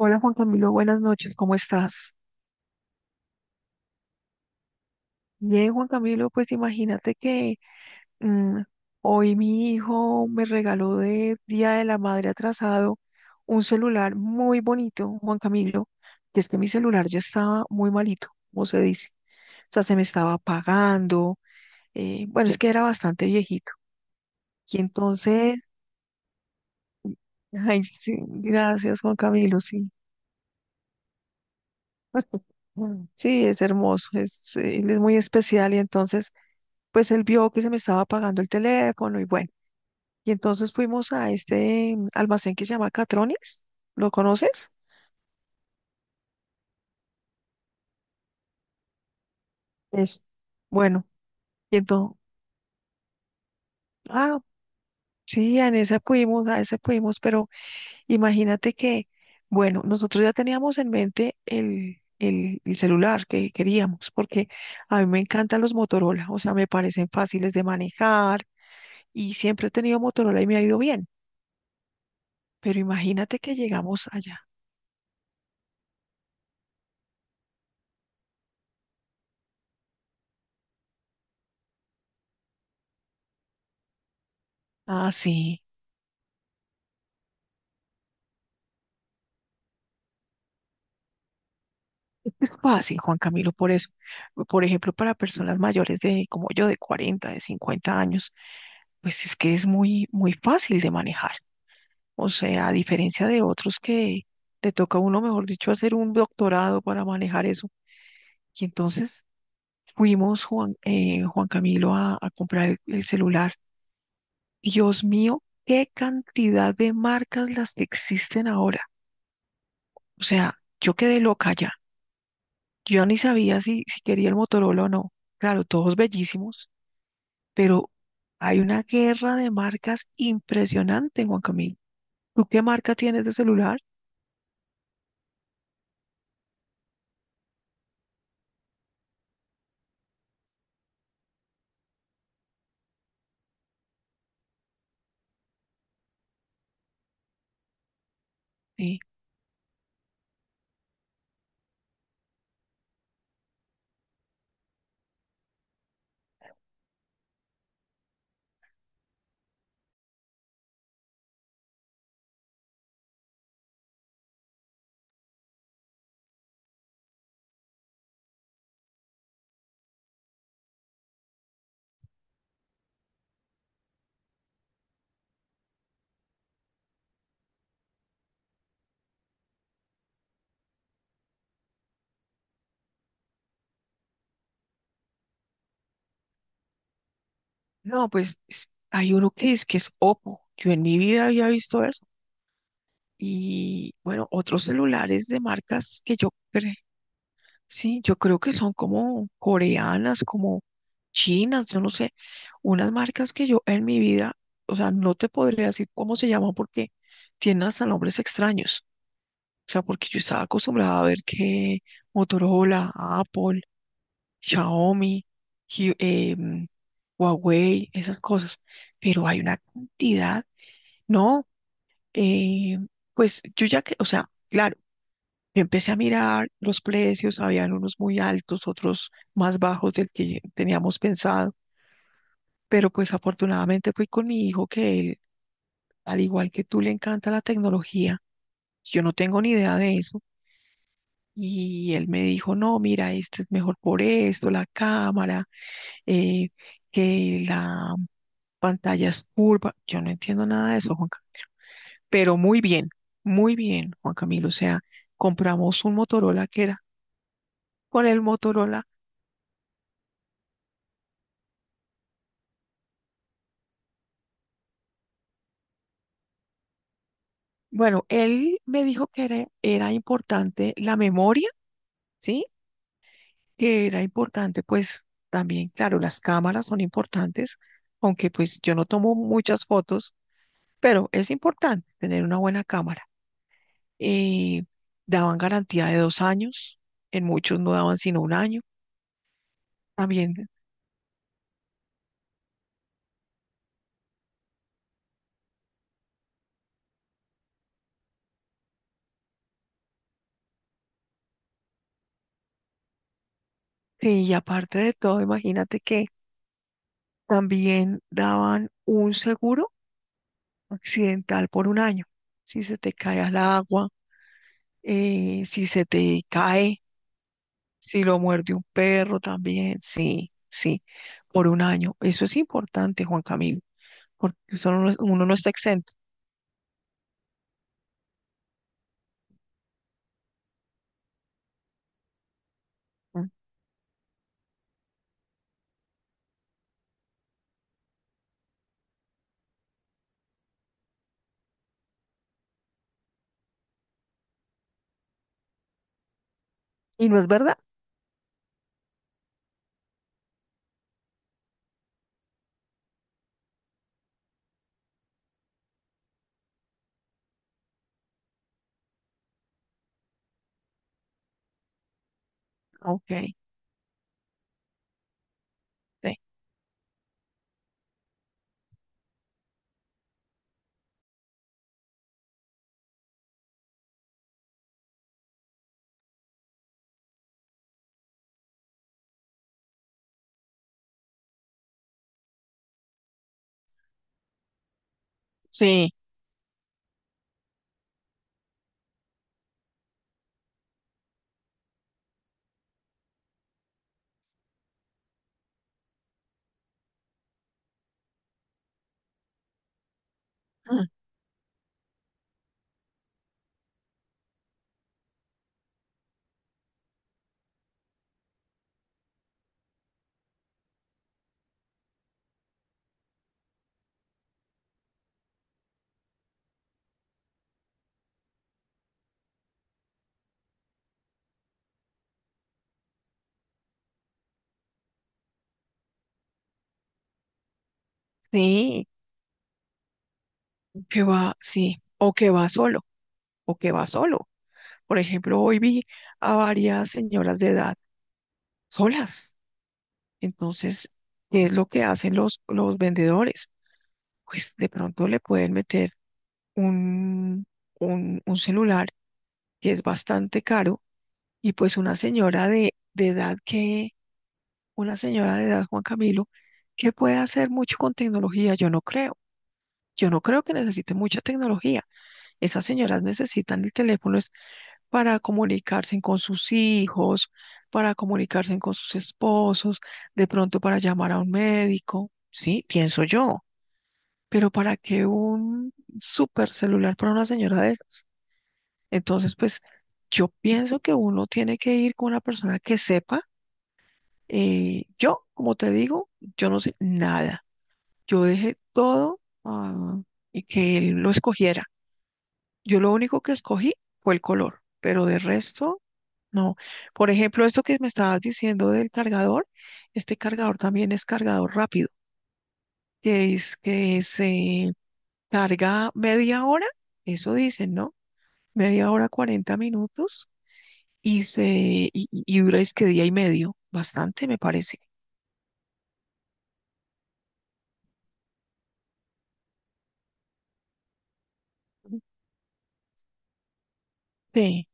Hola Juan Camilo, buenas noches, ¿cómo estás? Bien, Juan Camilo, pues imagínate que mm, hoy mi hijo me regaló de Día de la Madre atrasado un celular muy bonito, Juan Camilo, que es que mi celular ya estaba muy malito, como se dice. O sea, se me estaba apagando, bueno, es que era bastante viejito. Y entonces, ay, sí, gracias Juan Camilo, sí. Sí, es hermoso, es, él es muy especial y entonces pues él vio que se me estaba apagando el teléfono y bueno, y entonces fuimos a este almacén que se llama Catronics, ¿lo conoces? Es, bueno, y entonces, ah, sí, en ese fuimos, a ese fuimos, pero imagínate que, bueno, nosotros ya teníamos en mente el celular que queríamos, porque a mí me encantan los Motorola, o sea, me parecen fáciles de manejar y siempre he tenido Motorola y me ha ido bien, pero imagínate que llegamos allá. Ah, sí. Es fácil, Juan Camilo, por eso. Por ejemplo, para personas mayores de, como yo, de 40, de 50 años, pues es que es muy, muy fácil de manejar. O sea, a diferencia de otros que le toca a uno, mejor dicho, hacer un doctorado para manejar eso. Y entonces fuimos, Juan, Juan Camilo, a comprar el celular. Dios mío, qué cantidad de marcas las que existen ahora. O sea, yo quedé loca. Yo ni sabía si, si quería el Motorola o no. Claro, todos bellísimos, pero hay una guerra de marcas impresionante, Juan Camilo. ¿Tú qué marca tienes de celular? Sí. No, pues es- hay uno que es Oppo. Yo en mi vida había visto eso. Y bueno, otros celulares de marcas que yo sí, yo creo que son como coreanas, como chinas, yo no sé, unas marcas que yo en mi vida, o sea, no te podría decir cómo se llaman porque tienen hasta nombres extraños. O sea, porque yo estaba acostumbrada a ver que Motorola, Apple, Xiaomi, Hu- em, Huawei, esas cosas, pero hay una cantidad, no, eh, pues yo ya que, o sea, claro. Yo empecé a mirar los precios, habían unos muy altos, otros más bajos del que teníamos pensado, pero pues afortunadamente fui con mi hijo que, al igual que tú, le encanta la tecnología. Yo no tengo ni idea de eso. Y él me dijo, no, mira, este es mejor por esto, la cámara, eh, que la pantalla es curva. Yo no entiendo nada de eso, Juan Camilo. Pero muy bien, Juan Camilo. O sea, compramos un Motorola que era con el Motorola. Bueno, él me dijo que era, era importante la memoria, ¿sí? Que era importante, pues también, claro, las cámaras son importantes, aunque pues yo no tomo muchas fotos, pero es importante tener una buena cámara. Eh, daban garantía de 2 años, en muchos no daban sino 1 año también. Sí, y aparte de todo, imagínate que también daban un seguro accidental por 1 año. Si se te cae al agua, si se te cae, si lo muerde un perro también, sí, sí, por 1 año. Eso es importante, Juan Camilo, porque eso no es- uno no está exento. ¿No? ¿Y no es verdad? Ok, sí, sí, ah, sí, que va, sí, o que va solo, o que va solo. Por ejemplo, hoy vi a varias señoras de edad solas. Entonces, ¿qué es lo que hacen los vendedores? Pues de pronto le pueden meter un, un celular que es bastante caro, y pues una señora de edad que, una señora de edad, Juan Camilo, que puede hacer mucho con tecnología, yo no creo. Yo no creo que necesite mucha tecnología. Esas señoras necesitan el teléfono es para comunicarse con sus hijos, para comunicarse con sus esposos, de pronto para llamar a un médico, sí, pienso yo. Pero para que un super celular para una señora de esas. Entonces, pues yo pienso que uno tiene que ir con una persona que sepa. Yo, como te digo, yo no sé nada. Yo dejé todo ah, y que él lo escogiera. Yo lo único que escogí fue el color, pero de resto, no. Por ejemplo, esto que me estabas diciendo del cargador, este cargador también es cargador rápido, que es que se carga media hora, eso dicen, ¿no? Media hora, 40 minutos y se y, y dura es que día y medio, bastante me parece. Sí,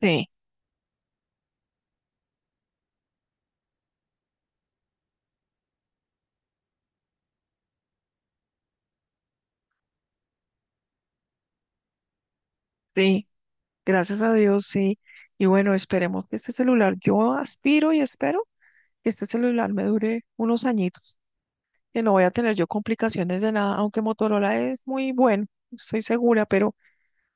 sí, sí, gracias a Dios, sí. Y bueno, esperemos que este celular, yo aspiro y espero que este celular me dure unos añitos, que no voy a tener yo complicaciones de nada, aunque Motorola es muy bueno, estoy segura, pero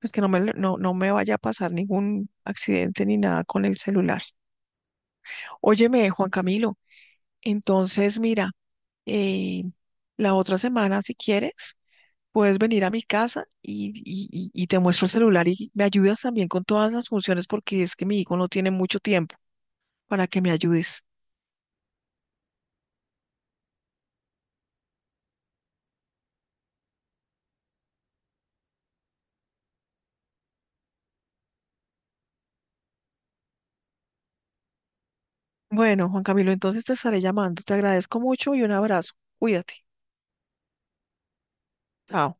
pues que no me, no, no me vaya a pasar ningún accidente ni nada con el celular. Óyeme, Juan Camilo, entonces mira, eh, la otra semana, si quieres. Puedes venir a mi casa y, y te muestro el celular y me ayudas también con todas las funciones porque es que mi hijo no tiene mucho tiempo para que me ayudes. Bueno, Juan Camilo, entonces te estaré llamando. Te agradezco mucho y un abrazo. Cuídate. Chao.